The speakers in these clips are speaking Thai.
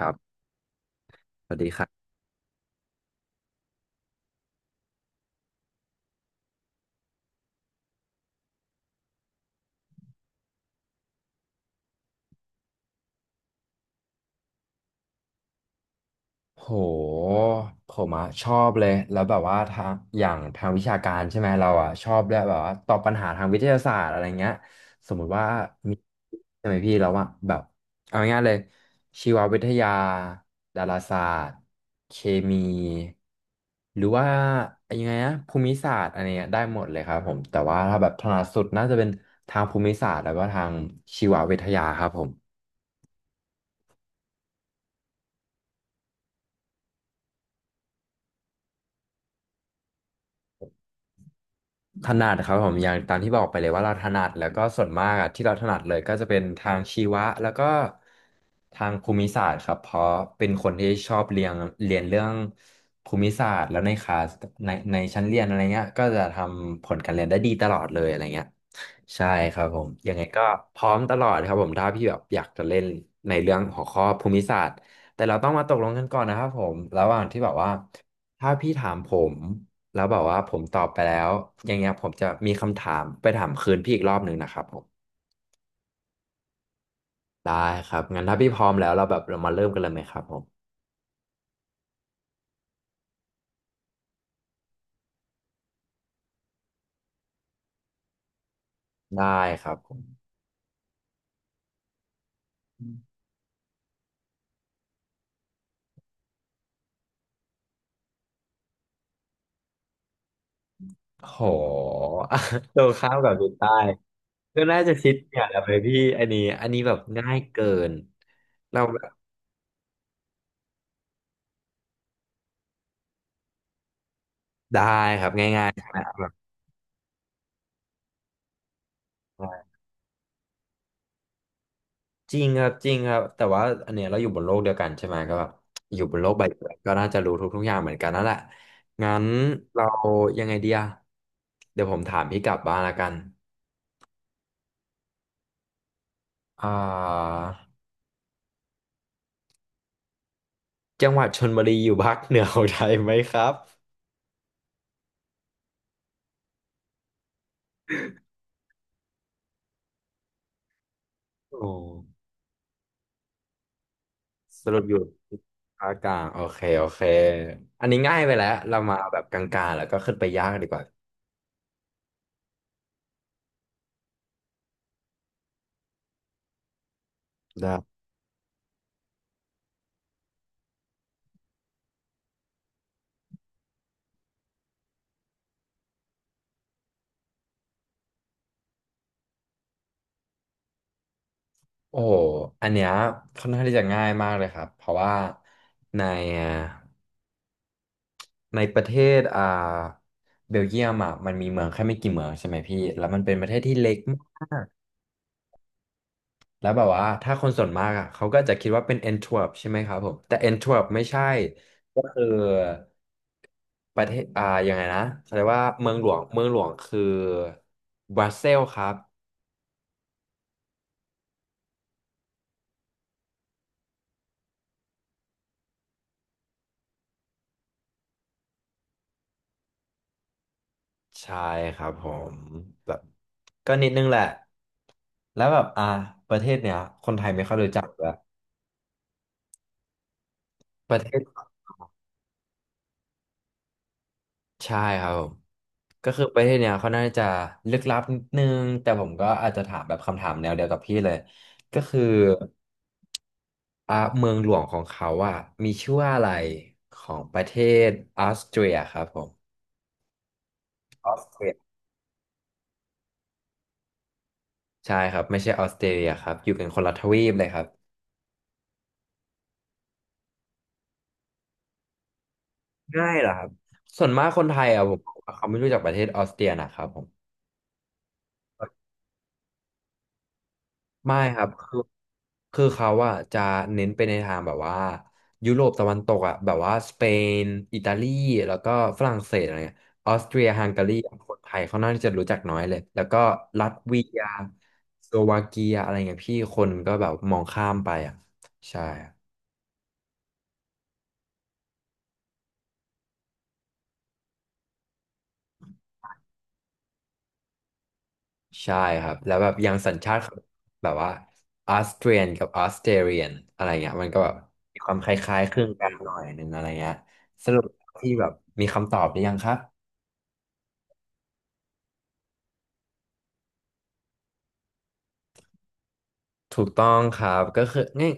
ครับสวัสดีครับโหผมอะชอบเลยแล้วแบบว่าทางอย่างทางวิชาการใช่ไหมเราอะชอบด้วยแบบว่าตอบปัญหาทางวิทยาศาสตร์อะไรเงี้ยสมมุติว่ามีใช่ไหมพี่แล้วอะแบบเอาง่ายๆเลยชีววิทยาดาราศาสตร์เคมีหรือว่ายังไงนะภูมิศาสตร์อะไรเงี้ยได้หมดเลยครับผมแต่ว่าถ้าแบบถนัดสุดน่าจะเป็นทางภูมิศาสตร์แล้วก็ทางชีววิทยาครับผม ถนัดครับผมอย่างตามที่บอกไปเลยว่าเราถนัดแล้วก็ส่วนมากอะที่เราถนัดเลยก็จะเป็นทางชีวะแล้วก็ทางภูมิศาสตร์ครับเพราะเป็นคนที่ชอบเรียนเรียนเรื่องภูมิศาสตร์แล้วในคลาสในชั้นเรียนอะไรเงี้ยก็จะทำผลการเรียนได้ดีตลอดเลยอะไรเงี้ยใช่ครับผมยังไงก็พร้อมตลอดครับผมถ้าพี่แบบอยากจะเล่นในเรื่องหัวข้อภูมิศาสตร์แต่เราต้องมาตกลงกันก่อนนะครับผมระหว่างที่แบบว่าถ้าพี่ถามผม แล้วแบบว่าผมตอบไปแล้วอย่างเงี้ยผมจะมีคำถามไปถามคืนพี่อีกรอบหนึ่งนะครับผมได้ครับงั้นถ้าพี่พร้อมแล้วเราแบบเรามาเริ่มกันเลยไหมครับผมได้ครับผมโห ตรงข้ามกับดูใต้ก็น่าจะชิดเนี่ยอะไรพี่อันนี้แบบง่ายเกินเราแบบจริงครับจริงครับแต่ว่าอันเนี้ยเราอยู่บนโลกเดียวกันใช่ไหมก็แบบอยู่บนโลกใบเดียวก็น่าจะรู้ทุกๆอย่างเหมือนกันนั่นแหละงั้นเรายังไงเดี๋ยวผมถามพี่กลับบ้างละกัน อ่าจังหวัดชลบุรีอยู่ภาคเหนือของไทยไหมครับโอ้สรุปอยู่ภาคกลางโอเคโอเค อันนี้ง่ายไปแล้วเรามาแบบกลางๆแล้วก็ขึ้นไปยากดีกว่าได้โอ้โหอันเนี้ยค่อนข้างที่จะง่ายมากเลยครับเพราะว่าในในประเทศอ่าเบลเยียมอ่ะมันมีเมืองแค่ไม่กี่เมืองใช่ไหมพี่แล้วมันเป็นประเทศที่เล็กมาก แล้วแบบว่าถ้าคนส่วนมากอ่ะเขาก็จะคิดว่าเป็นแอนทเวิร์ปใช่ไหมครับผมแต่แอนทเวิร์ปไม่ใช่ก็คือประเทศอ่ายังไงนะเขาเรียกว่าเมืองหลวงคือบรัสเซลส์ครับใช่ครับผมแบบก็นิดนึงแหละแล้วแบบอ่าประเทศเนี้ยคนไทยไม่ค่อยรู้จักเลยประเทศ ใช่ครับผมก็คือประเทศเนี้ยเขาน่าจะลึกลับนิดนึงแต่ผมก็อาจจะถามแบบคำถามแนวเดียวกับพี่เลยก็คืออ่าเมืองหลวงของเขาอ่ะมีชื่อว่าอะไรของประเทศออสเตรียครับผมออสเตรียใช่ครับไม่ใช่ออสเตรเลียครับอยู่กันคนละทวีปเลยครับง่ายเหรอครับส่วนมากคนไทยอ่ะผมว่าเขาไม่รู้จักประเทศออสเตรียนะครับผม ไม่ครับ คือเขาอะจะเน้นไปในทางแบบว่ายุโรปตะวันตกอะแบบว่าสเปนอิตาลีแล้วก็ฝรั่งเศสอะไรเงี้ยออสเตรียฮังการีคนไทยเขาน่าจะรู้จักน้อยเลยแล้วก็ลัตเวียสโลวาเกียอะไรเงี้ยพี่คนก็แบบมองข้ามไปอะใช่รใช่ครับแล้วแบบอย่างสัญชาติแบบว่าออสเตรียนกับออสเตรเลียนอะไรเงี้ยมันก็แบบมีความคล้ายๆคลึงกันหน่อยนึงอะไรเงี้ยสรุปที่แบบมีคำตอบหรือยังครับ ถูกต้องครับก็คือง่าย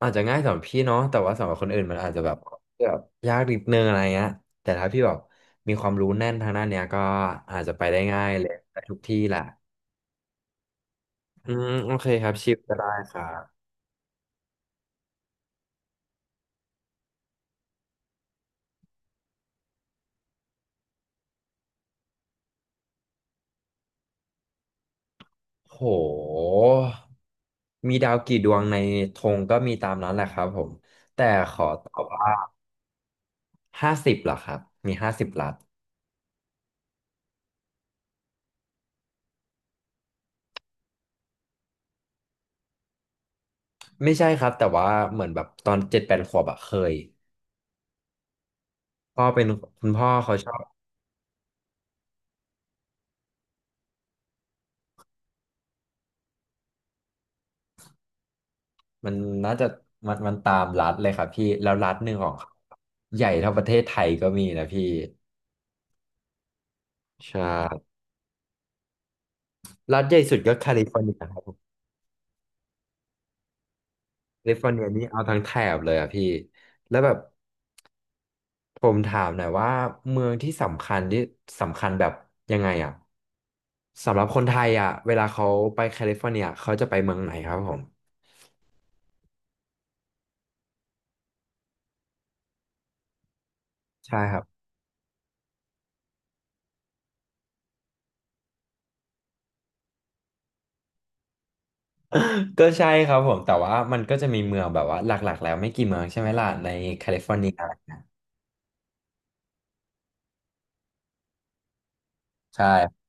อาจจะง่ายสำหรับพี่เนาะแต่ว่าสำหรับคนอื่นมันอาจจะแบบยากนิดนึงอะไรเงี้ยแต่ถ้าพี่แบบมีความรู้แน่นทางด้านเนี้ยก็อาจจะไปได้ง่ายเลยไปทุกที่แหละอืมโอเคครับชิปก็ได้ครับโหมีดาวกี่ดวงในธงก็มีตามนั้นแหละครับผมห้าสิบเหรอครับมีห้าสิบลัดไม่ใช่ครับแต่ว่าเหมือนแบบตอน7-8ขวบอะเคยพ่อเป็นคุณพ่อเขาชอบ มันน่าจะมันมันตามรัฐเลยครับพี่แล้วรัฐหนึ่งของเขาใหญ่เท่าประเทศไทยก็มีนะพี่ใช่รัฐใหญ่สุดก็แคลิฟอร์เนียครับผมแคลิฟอร์เนียนี่เอาทั้งแถบเลยอะพี่แล้วแบบผมถามหน่อยว่าเมืองที่สำคัญที่สำคัญแบบยังไงอะสำหรับคนไทยอะเวลาเขาไปแคลิฟอร์เนียเขาจะไปเมืองไหนครับผมใช่ครับก็ใช่ครับผมแต่ว่ามันก็จะมีเมืองแบบว่าหลักๆแล้วไม่กี่เมืองใช่ไหมล่ะในแคลิฟอร์เนียใช่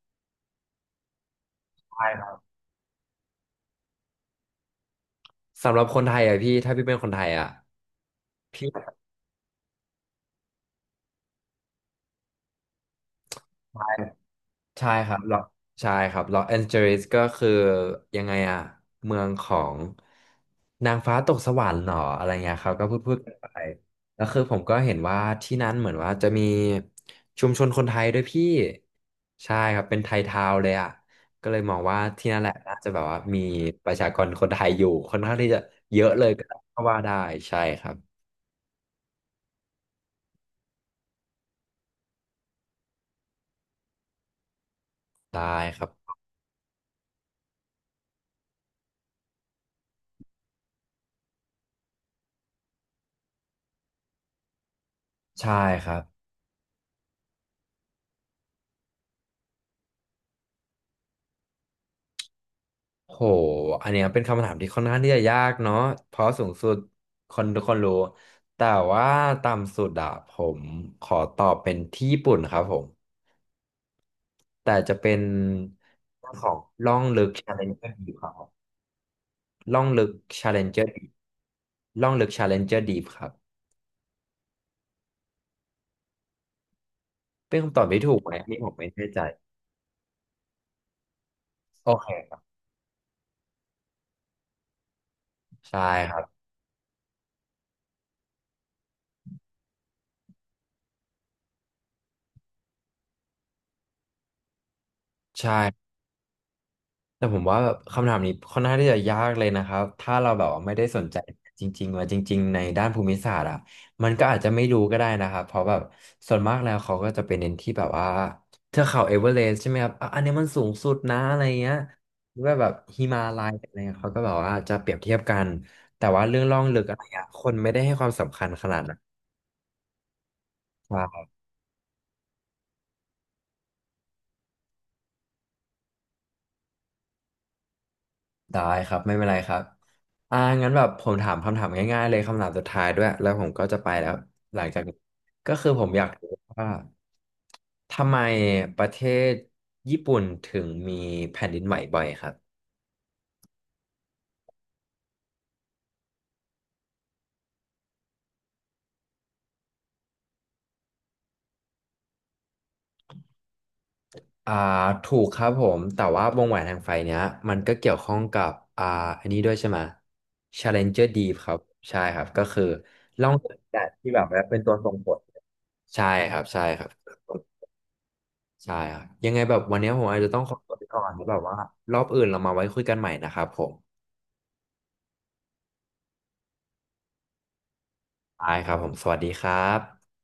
ใช่ สำหรับคนไทยอ่ะพี่ถ้าพี่เป็นคนไทยอ่ะพี่ใช่ใช่ครับลอใช่ครับลอสแอนเจลิสก็คือยังไงอ่ะเมืองของนางฟ้าตกสวรรค์หรออะไรเงี้ยครับก็พูดกันไปแล้วคือผมก็เห็นว่าที่นั้นเหมือนว่าจะมีชุมชนคนไทยด้วยพี่ใช่ครับเป็นไทยทาวน์เลยอ่ะก็เลยมองว่าที่นั่นแหละน่าจะแบบว่ามีประชากรคนไทยอยู่ค่อนข้างที่จะเยอะเลยก็ว่าได้ใช่ครับได้ครับใช่ครับ โห อันเนี้ยเป็นคำถามที่ค่อนข้างที่จะยากเนาะเพราะสูงสุดคนทุกคนรู้ แต่ว่าต่ำสุดอะผมขอตอบเป็นที่ญี่ปุ่นครับผม แต่จะเป็นเรื่องของล่องลึก Challenger Deep ครับผมล่องลึก Challenger Deep ล่องลึก Challenger Deep ครับ เป็นคำตอบที่ถูกไหมอันนี่ผมไม่แน่ใจ โอเคครับใช่ครับใช่ แต่ผมว่าแบบคำถามนี้ค่อนข้างที่จะยากเลยนะครับถ้าเราแบบว่าไม่ได้สนใจจริงๆว่าจริงๆในด้านภูมิศาสตร์อ่ะมันก็อาจจะไม่รู้ก็ได้นะครับเพราะแบบส่วนมากแล้วเขาก็จะเป็นเน้นที่แบบว่าเทือกเขาเอเวอเรสต์ใช่ไหมครับอ่ะอันนี้มันสูงสุดนะอะไรเงี้ยหรือว่าแบบฮิมาลัยอะไรเงี้ยเขาก็แบบว่าจะเปรียบเทียบกันแต่ว่าเรื่องล่องลึกอะไรเงี้ยคนไม่ได้ให้ความสำคัญขนาดนั้น ได้ครับไม่เป็นไรครับอ่างั้นแบบผมถามคำถามง่ายๆเลยคำถามสุดท้ายด้วยแล้วผมก็จะไปแล้วหลังจากนี้ก็คือผมอยากรู้ว่าทำไมประเทศญี่ปุ่นถึงมีแผ่นดินไหวบ่อยครับอ่าถูกครับผมแต่ว่าวงแหวนแห่งไฟเนี้ยมันก็เกี่ยวข้องกับอ่าอันนี้ด้วยใช่ไหม Challenger Deep ครับใช่ครับก็คือล่องแสงแดดที่แบบว่าเป็นตัวส่งผลใช่ครับใช่ครับ ใช่ครับยังไงแบบวันนี้ผมอาจจะต้องขอตัวไปก่อนแล้วแบบว่ารอบอื่นเรามาไว้คุยกันใหม่นะครับผมได้ครับผมสวัสดีครับ